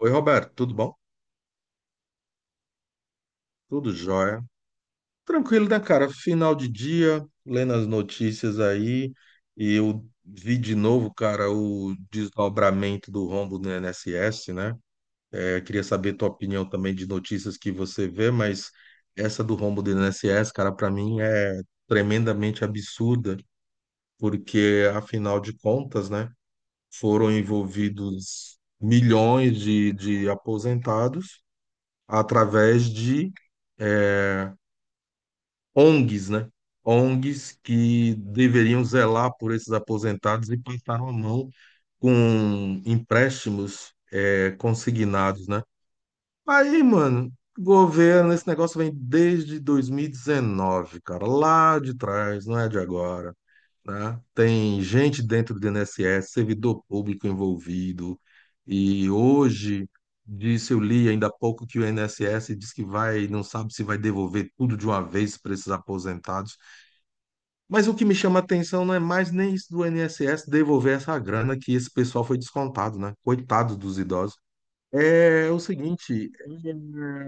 Oi, Roberto, tudo bom? Tudo jóia. Tranquilo, né, cara? Final de dia, lendo as notícias aí, e eu vi de novo, cara, o desdobramento do rombo no INSS, né? Eu queria saber tua opinião também de notícias que você vê, mas essa do rombo do INSS, cara, pra mim é tremendamente absurda, porque afinal de contas, né, foram envolvidos milhões de aposentados através de é, ONGs, né? ONGs que deveriam zelar por esses aposentados e passaram a mão com empréstimos consignados, né? Aí, mano, governo, esse negócio vem desde 2019, cara, lá de trás, não é de agora, né? Tem gente dentro do INSS, servidor público envolvido, e hoje, disse, eu li ainda há pouco que o INSS diz que vai, não sabe se vai devolver tudo de uma vez para esses aposentados. Mas o que me chama a atenção não é mais nem isso do INSS devolver essa grana que esse pessoal foi descontado, né? Coitado dos idosos. É o seguinte, é,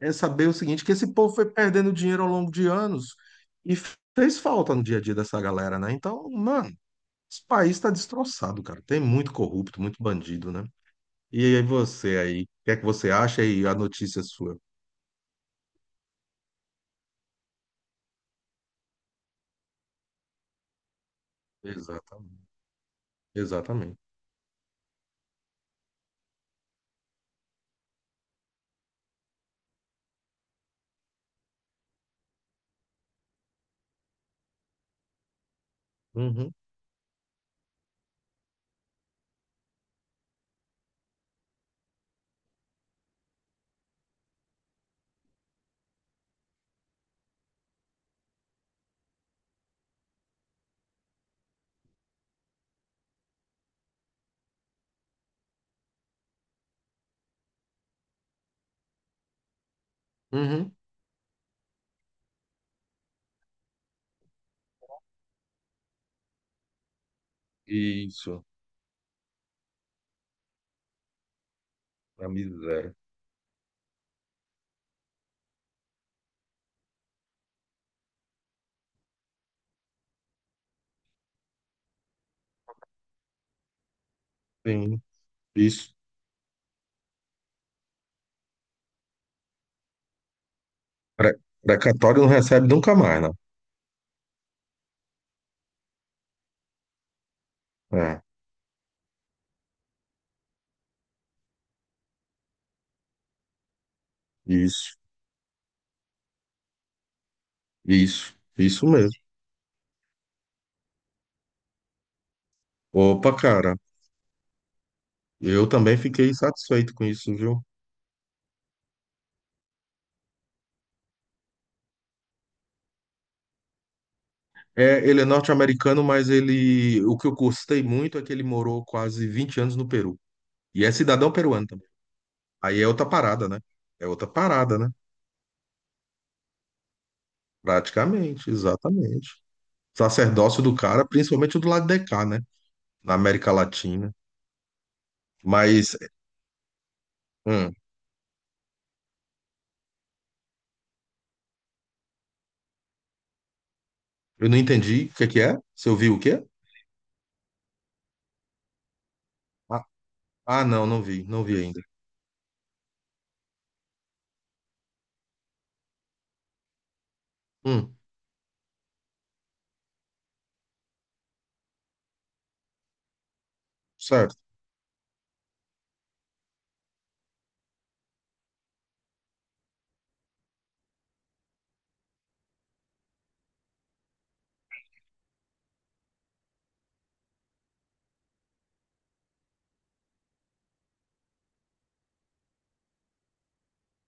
é saber o seguinte, que esse povo foi perdendo dinheiro ao longo de anos e fez falta no dia a dia dessa galera, né? Então, mano, esse país está destroçado, cara. Tem muito corrupto, muito bandido, né? E aí você aí, o que é que você acha e a notícia é sua? Exatamente. Exatamente. Uhum, uhum. Isso, a miséria. Sim, isso. Pre- Precatório não recebe nunca mais, né? É, isso, isso mesmo. Opa, cara, eu também fiquei satisfeito com isso, viu? É, ele é norte-americano, mas ele, o que eu gostei muito é que ele morou quase 20 anos no Peru. E é cidadão peruano também. Aí é outra parada, né? É outra parada, né? Praticamente, exatamente. Sacerdócio do cara, principalmente o do lado de cá, né? Na América Latina. Mas, hum, eu não entendi o que que é. Você ouviu o quê? Ah, ah, não, não vi, não vi ainda. Hum, certo.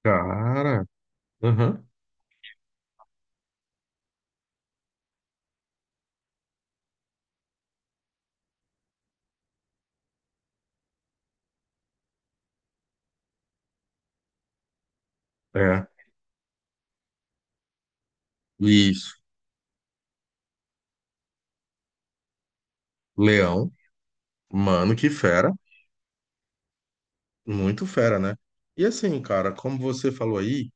Cara, aham, é. Isso. Leão, mano, que fera. Muito fera, né? E assim, cara, como você falou aí,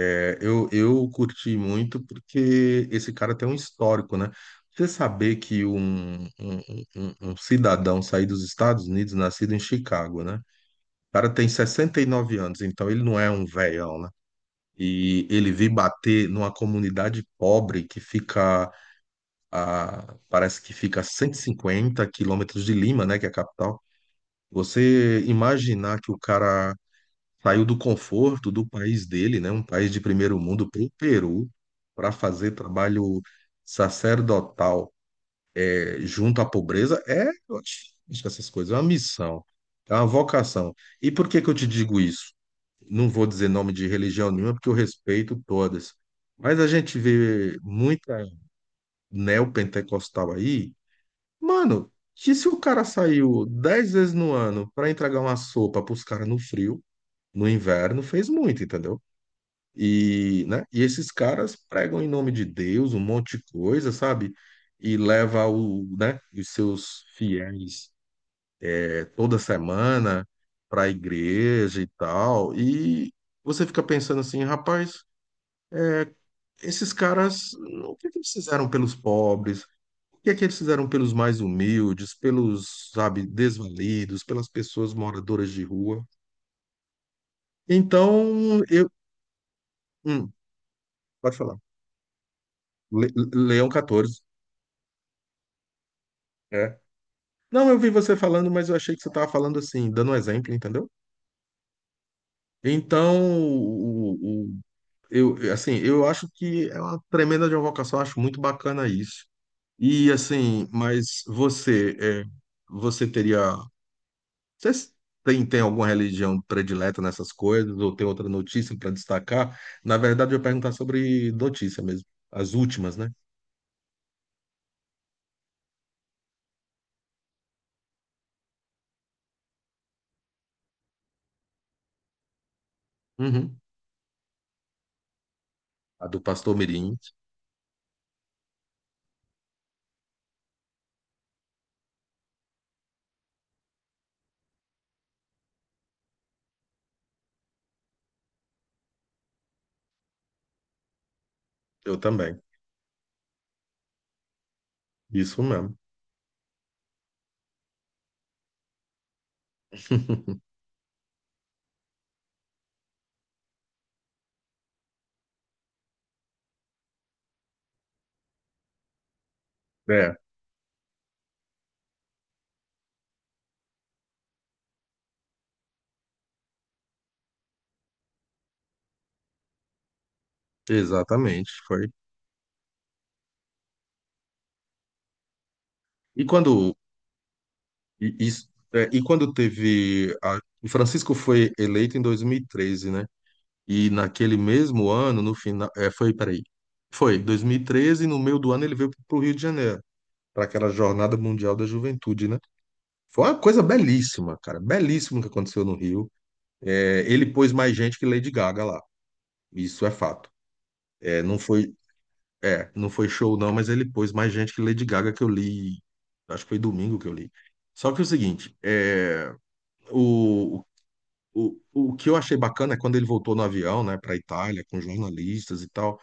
eu curti muito porque esse cara tem um histórico, né? Você saber que um cidadão sair dos Estados Unidos, nascido em Chicago, né? O cara tem 69 anos, então ele não é um velhão, né? E ele vir bater numa comunidade pobre que fica parece que fica a 150 quilômetros de Lima, né? Que é a capital. Você imaginar que o cara saiu do conforto do país dele, né, um país de primeiro mundo, para o Peru, para fazer trabalho sacerdotal junto à pobreza, eu acho que essas coisas, é uma missão, é uma vocação. E por que que eu te digo isso? Não vou dizer nome de religião nenhuma, porque eu respeito todas. Mas a gente vê muita neopentecostal aí, mano, que se o cara saiu 10 vezes no ano para entregar uma sopa para os caras no frio, no inverno, fez muito, entendeu? E, né? E esses caras pregam em nome de Deus um monte de coisa, sabe? E leva o, né, os seus fiéis toda semana para a igreja e tal. E você fica pensando assim, rapaz, esses caras, o que que eles fizeram pelos pobres? O que é que eles fizeram pelos mais humildes, pelos, sabe, desvalidos, pelas pessoas moradoras de rua? Então, eu, hum, Pode falar. Leão 14. Não, eu vi você falando, mas eu achei que você estava falando assim, dando um exemplo, entendeu? Então, o, o- eu, assim, eu acho que é uma tremenda de uma vocação, eu acho muito bacana isso. E assim, mas você, você teria, você tem alguma religião predileta nessas coisas, ou tem outra notícia para destacar? Na verdade, eu ia perguntar sobre notícia mesmo, as últimas, né? Uhum. A do pastor Mirim, eu também, isso mesmo. É, Exatamente, foi. E quando e, isso- é, E quando teve o Francisco foi eleito em 2013, né? E naquele mesmo ano, no final, peraí, foi 2013 no meio do ano ele veio para o Rio de Janeiro, para aquela Jornada Mundial da Juventude, né? Foi uma coisa belíssima, cara, belíssimo que aconteceu no Rio. É, ele pôs mais gente que Lady Gaga lá, isso é fato. É, é, não foi show não, mas ele pôs mais gente que Lady Gaga que eu li, acho que foi domingo que eu li. Só que é o seguinte. É O, o, o que eu achei bacana é quando ele voltou no avião, né, para Itália, com jornalistas e tal,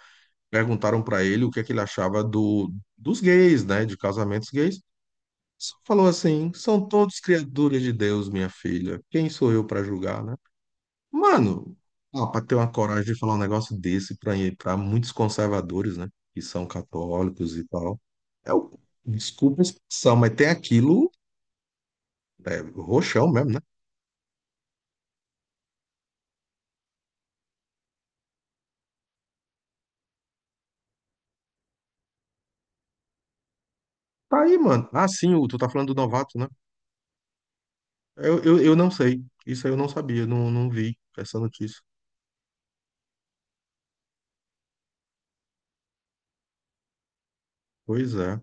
perguntaram para ele o que é que ele achava dos gays, né, de casamentos gays. Só falou assim: são todos criaturas de Deus, minha filha. Quem sou eu para julgar, né? Mano, ah, para ter uma coragem de falar um negócio desse para muitos conservadores, né, que são católicos e tal, é o, desculpa a expressão, mas tem aquilo, roxão mesmo, né? Tá aí, mano. Ah, sim, o, tu tá falando do novato, né? Eu não sei. Isso aí eu não sabia, não, não vi essa notícia. Pois é,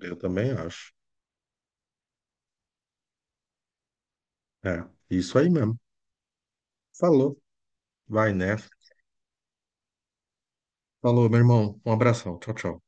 eu também acho. É, isso aí mesmo. Falou. Vai nessa. Falou, meu irmão. Um abração. Tchau, tchau.